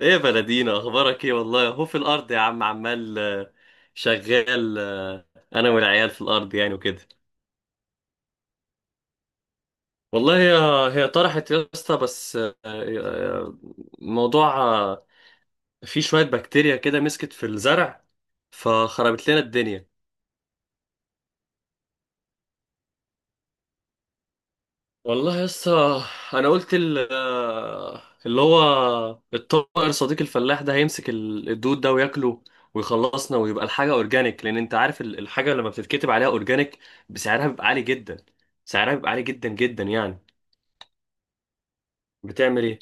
ايه يا بلدينا، اخبارك ايه؟ والله هو في الارض يا عم، عمال شغال. انا والعيال في الارض يعني وكده. والله هي طرحت يا اسطى، بس موضوع فيه شوية بكتيريا كده مسكت في الزرع فخربت لنا الدنيا. والله يا اسطى، انا قلت اللي هو الطائر صديق الفلاح ده هيمسك الدود ده وياكله ويخلصنا، ويبقى الحاجه اورجانيك، لان انت عارف الحاجه لما بتتكتب عليها اورجانيك بسعرها بيبقى عالي جدا، سعرها بيبقى عالي جدا جدا يعني. بتعمل ايه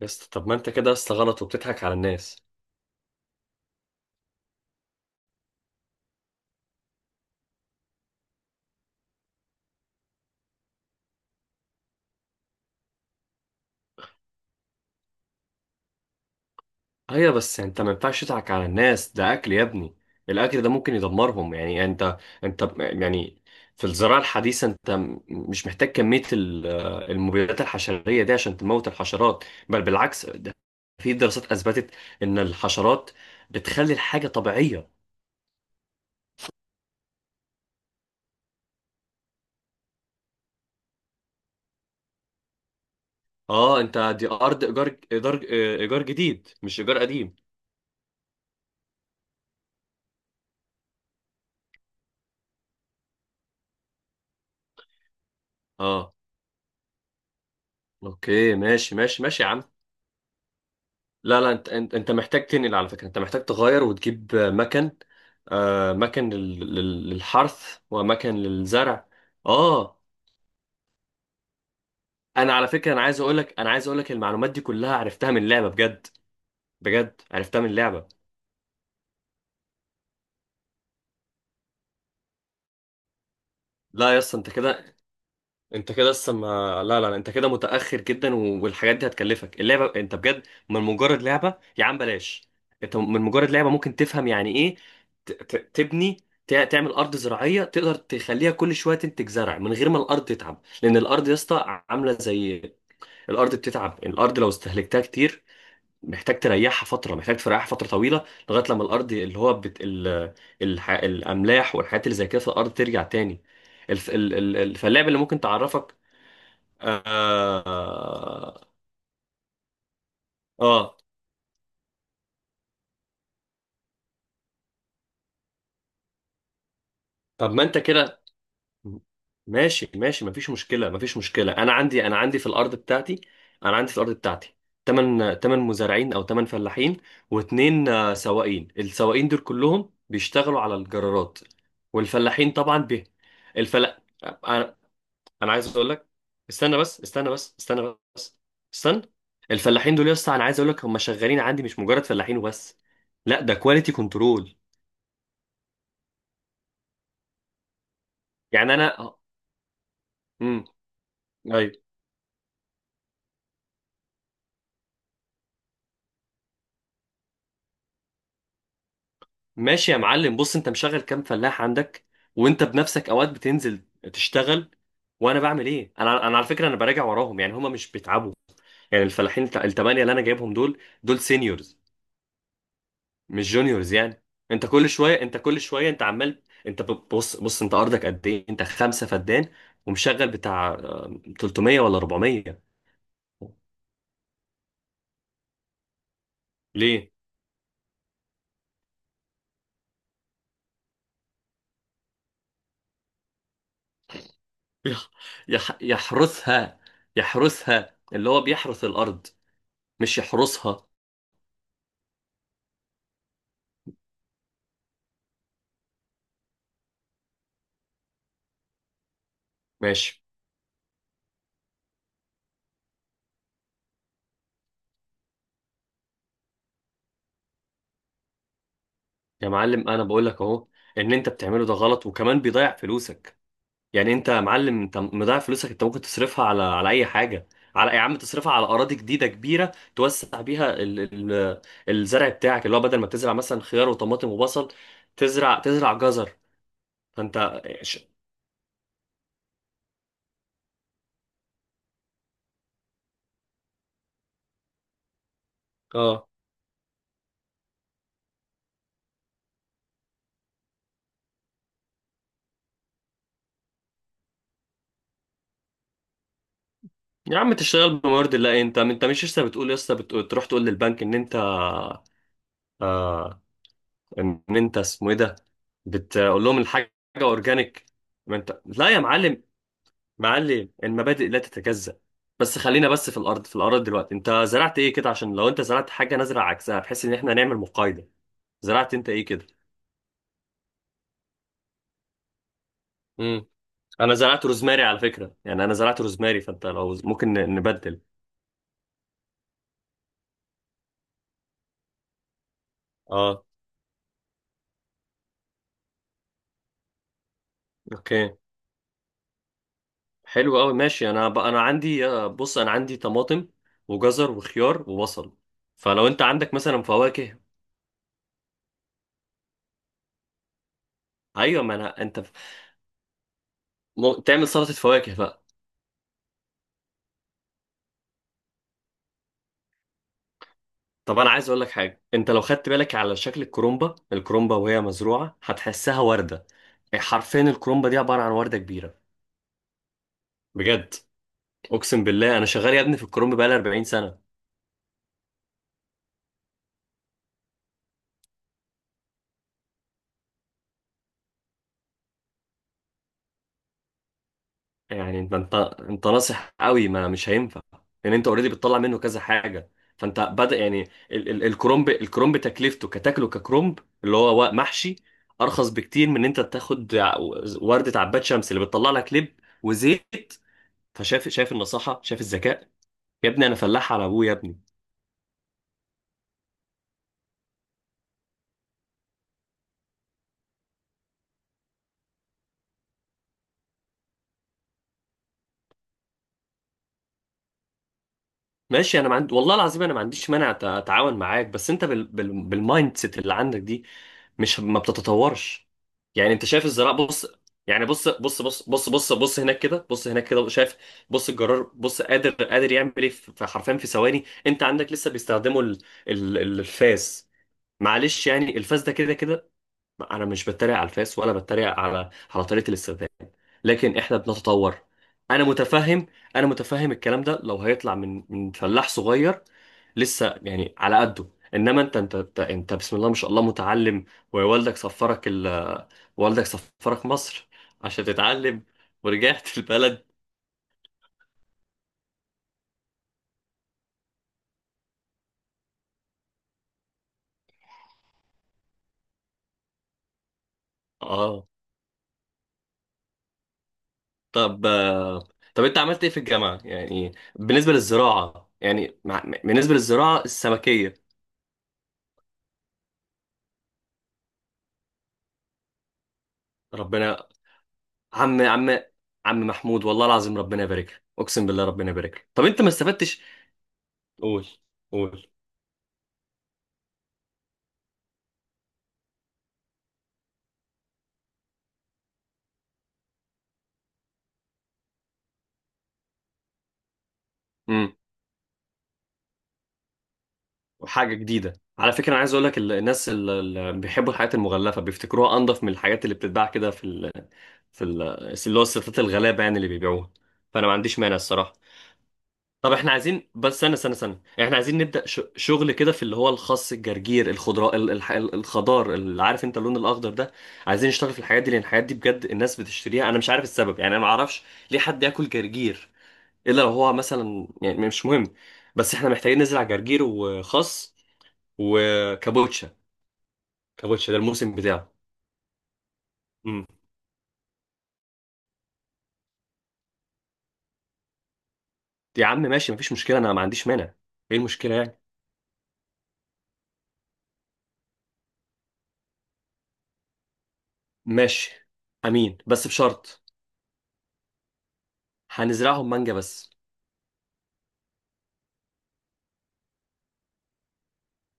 يا اسطى؟ طب ما انت كده يا اسطى غلط وبتضحك على الناس. ايوه بس انت ما ينفعش تضحك على الناس، ده اكل يا ابني، الاكل ده ممكن يدمرهم. يعني انت يعني في الزراعه الحديثه انت مش محتاج كميه المبيدات الحشريه دي عشان تموت الحشرات، بل بالعكس. ده في دراسات اثبتت ان الحشرات بتخلي الحاجه طبيعيه. اه انت دي ارض ايجار، ايجار ايجار جديد مش ايجار قديم. اه، اوكي، ماشي يا عم. لا، انت محتاج تنقل، على فكرة انت محتاج تغير وتجيب مكن، مكن للحرث ومكن للزرع. اه، انا على فكرة، انا عايز اقولك، انا عايز اقولك المعلومات دي كلها عرفتها من لعبة، بجد بجد عرفتها من لعبة. لا يا اسطى، انت كده، انت كده لسه ما لا لا لا، انت كده متأخر جدا، والحاجات دي هتكلفك. اللعبة انت بجد، من مجرد لعبة، يا عم بلاش. انت من مجرد لعبة ممكن تفهم يعني ايه تبني، تعمل أرض زراعية تقدر تخليها كل شوية تنتج زرع من غير ما الأرض تتعب، لأن الأرض يا اسطى عاملة زي، الأرض بتتعب، الأرض لو استهلكتها كتير محتاج تريحها فترة، محتاج تريحها فترة طويلة، لغاية لما الأرض اللي هو الأملاح والحاجات اللي زي كده في الأرض ترجع تاني. الف... ال... ال... ال- فاللعبة اللي ممكن تعرفك. آه آه طب ما أنت كده، ماشي مفيش مشكلة، مفيش مشكلة. أنا عندي في الأرض بتاعتي، أنا عندي في الأرض بتاعتي تمن مزارعين أو تمن فلاحين واتنين، سواقين. السواقين دول كلهم بيشتغلوا على الجرارات والفلاحين طبعا به الفلا أنا أنا عايز أقول لك استنى بس استنى بس استنى بس استنى. الفلاحين دول يا اسطى، أنا عايز أقول لك، هم شغالين عندي مش مجرد فلاحين وبس، لا ده كواليتي كنترول. يعني أنا ايوه، ماشي يا معلم. بص، انت مشغل كام فلاح عندك؟ وانت بنفسك اوقات بتنزل تشتغل وانا بعمل ايه؟ انا على فكره انا براجع وراهم، يعني هما مش بيتعبوا، يعني الفلاحين التمانية اللي انا جايبهم دول، دول سينيورز مش جونيورز يعني. انت كل شويه انت عمال، انت بص، انت ارضك قد ايه؟ انت خمسه فدان ومشغل بتاع 300 ولا 400؟ ليه؟ يح- يحرسها، يحرسها، اللي هو بيحرس الارض، مش يحرسها. ماشي يا معلم، انا بقول لك اهو ان انت بتعمله ده غلط وكمان بيضيع فلوسك. يعني انت يا معلم انت مضيع فلوسك، انت ممكن تصرفها على اي حاجه، على يا عم تصرفها على اراضي جديده كبيره توسع بيها الزرع بتاعك، اللي هو بدل ما تزرع مثلا خيار وطماطم وبصل، تزرع جزر. فانت ش- اه يا عم تشتغل بموارد الله. انت، انت مش لسه بتقول، لسه بتقول تروح تقول للبنك ان انت آه... ان انت اسمه ايه ده، بتقول لهم الحاجه اورجانيك. ما انت لا يا معلم، معلم المبادئ لا تتجزأ. بس خلينا بس في الارض، في الارض دلوقتي انت زرعت ايه كده؟ عشان لو انت زرعت حاجه نزرع عكسها، بحيث ان احنا نعمل مقايضه. زرعت انت ايه كده؟ امم انا زرعت روزماري على فكره، يعني انا زرعت روزماري، فانت لو ممكن نبدل. اه، اوكي، حلو قوي، ماشي. انا عندي، بص انا عندي طماطم وجزر وخيار وبصل، فلو انت عندك مثلا فواكه. ايوه، ما انا انت ف- م... تعمل سلطه فواكه. طب انا عايز اقول لك حاجه، انت لو خدت بالك على شكل الكرومبا، الكرومبا وهي مزروعه هتحسها ورده، حرفيا الكرومبا دي عباره عن ورده كبيره، بجد. اقسم بالله انا شغال يا ابني في الكرومبا بقالي 40 سنه. يعني انت ناصح قوي، ما مش هينفع، لان انت اوريدي بتطلع منه كذا حاجه، فانت بدا يعني ال ال الكرومب، الكرومب تكلفته كتاكله ككرومب، اللي هو محشي، ارخص بكتير من ان انت تاخد ورده عباد شمس اللي بتطلع لك لب وزيت. فشايف، شايف النصاحه، شايف الذكاء؟ يا ابني انا فلاح على ابوه يا ابني. ماشي، انا ما عندي، والله العظيم انا ما عنديش مانع اتعاون معاك، بس انت بالمايند سيت اللي عندك دي مش ما بتتطورش. يعني انت شايف الزراعه؟ بص، يعني بص هناك كده، بص هناك كده، شايف؟ بص الجرار، بص قادر، قادر يعمل ايه في، في حرفيا في ثواني. انت عندك لسه بيستخدموا الفاس. معلش يعني الفاس ده كده كده، انا مش بتريق على الفاس ولا بتريق على على طريقه الاستخدام، لكن احنا بنتطور. انا متفهم انا متفهم الكلام ده لو هيطلع من فلاح صغير لسه يعني على قده، انما انت، انت بسم الله ما شاء الله متعلم، ووالدك سفرك ال والدك سفرك مصر عشان تتعلم ورجعت البلد. اه، طب طب انت عملت ايه في الجامعة يعني بالنسبة للزراعة، يعني بالنسبة للزراعة السمكية؟ ربنا، عم عم عم محمود، والله العظيم ربنا يبارك لك، اقسم بالله ربنا يبارك لك. طب انت ما استفدتش؟ قول، قول. امم وحاجه جديده. على فكره انا عايز اقول لك، الناس اللي بيحبوا الحاجات المغلفه بيفتكروها انضف من الحاجات اللي بتتباع كده في في ال... اللي هو الستات الغلابه يعني اللي بيبيعوها، فانا ما عنديش مانع الصراحه. طب احنا عايزين، بس استنى، يعني احنا عايزين نبدأ شغل كده في اللي هو الخس، الجرجير، الخضراء، الخضار، اللي عارف انت اللون الاخضر ده. عايزين نشتغل في الحاجات دي، لان الحاجات دي بجد الناس بتشتريها، انا مش عارف السبب يعني، انا ما اعرفش ليه حد ياكل جرجير الا لو هو مثلا، يعني مش مهم، بس احنا محتاجين نزرع جرجير وخس وكابوتشا. كابوتشا ده الموسم بتاعه. امم يا عم ماشي مفيش مشكلة، انا ما عنديش مانع، ايه المشكلة يعني؟ ماشي، امين، بس بشرط. هنزرعهم مانجا بس.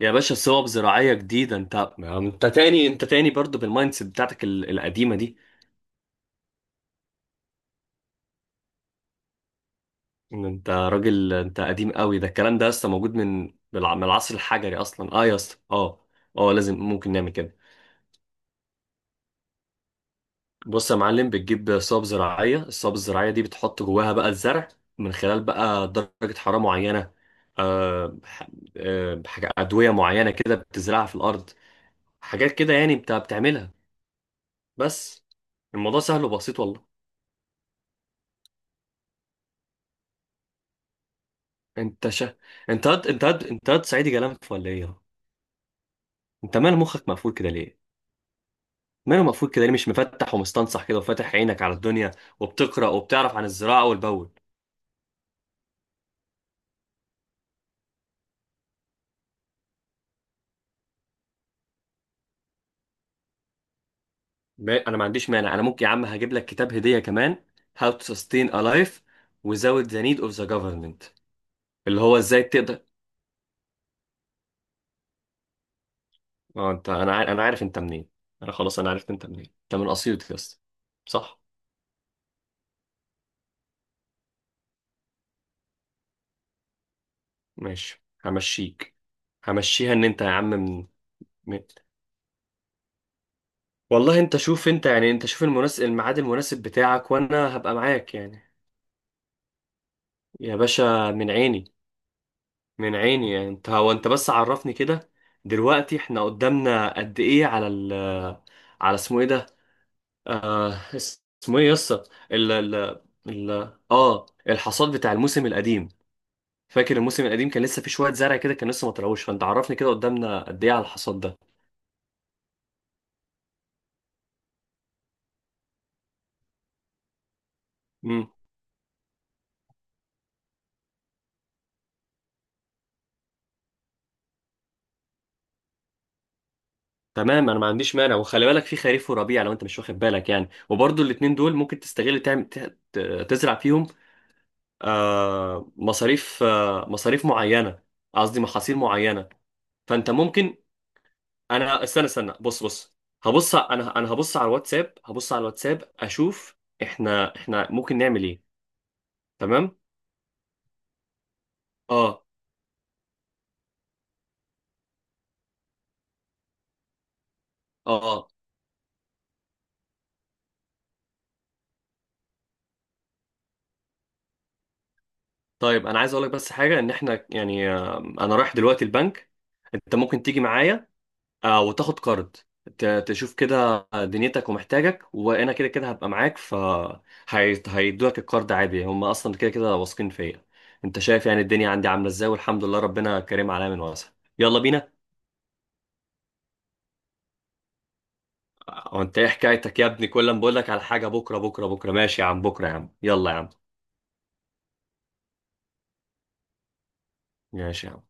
يا باشا صوب زراعية جديدة، انت ما انت تاني، انت تاني برضو بالمايند سيت بتاعتك القديمة دي. ان انت راجل، انت قديم قوي، ده الكلام ده لسه موجود من من العصر الحجري اصلا. اه يا اسطى، اه اه لازم، ممكن نعمل كده. بص يا معلم، بتجيب صوب زراعية، الصوب الزراعية دي بتحط جواها بقى الزرع من خلال بقى درجة حرارة معينة، آه ح- حاجة أدوية معينة كده بتزرعها في الأرض، حاجات كده يعني انت بتعملها بس. الموضوع سهل وبسيط والله. انت شا... انت هاد صعيدي جلنف ولا ايه؟ انت مال مخك مقفول كده ليه؟ ماله مقفول كده ليه؟ مش مفتح ومستنصح كده وفاتح عينك على الدنيا وبتقرا وبتعرف عن الزراعه والبول. ما... انا ما عنديش مانع، انا ممكن يا عم هجيب لك كتاب هديه كمان، How to Sustain a Life Without the Need of the Government، اللي هو ازاي تقدر. اه انت، انا عارف انت منين، انا خلاص انا عرفت انت منين، انت من اسيوط يا اسطى، صح؟ ماشي همشيك، همشيها، ان انت يا عم. من... والله انت شوف، انت يعني انت شوف المناسب، الميعاد المناسب بتاعك وانا هبقى معاك يعني. يا باشا من عيني، من عيني، يعني انت هو، انت بس عرفني كده دلوقتي احنا قدامنا قد ايه على ال، على اسمه ايه ده، آه، اسمه ايه يسطا؟ ال ال ال اه الحصاد بتاع الموسم القديم، فاكر الموسم القديم كان لسه في شوية زرع كده كان لسه ما طلعوش، فانت عرفني كده قدامنا قد ايه على الحصاد ده. تمام، انا ما عنديش مانع، وخلي بالك في خريف وربيع لو انت مش واخد بالك يعني، وبرضو الاتنين دول ممكن تستغل تعمل تزرع فيهم، مصاريف معينة، قصدي محاصيل معينة. فانت ممكن، انا استنى استنى بص، بص هبص ع- انا انا هبص على الواتساب، هبص على الواتساب اشوف احنا، احنا ممكن نعمل ايه. تمام، اه اه اه. طيب انا عايز اقول لك بس حاجة، ان احنا يعني آه انا رايح دلوقتي البنك، انت ممكن تيجي معايا آه وتاخد كارد، تشوف كده دنيتك ومحتاجك، وانا كده كده هبقى معاك، ف هيدوك الكارد عادي، هم اصلا كده كده واثقين فيا، انت شايف يعني الدنيا عندي عامله ازاي، والحمد لله ربنا كريم عليا من واسع. يلا بينا. وانت ايه حكايتك يا ابني؟ كل ما بقول لك على حاجه بكره بكره بكره. ماشي يا عم بكره، يا عم يلا يا عم، ماشي يا عم.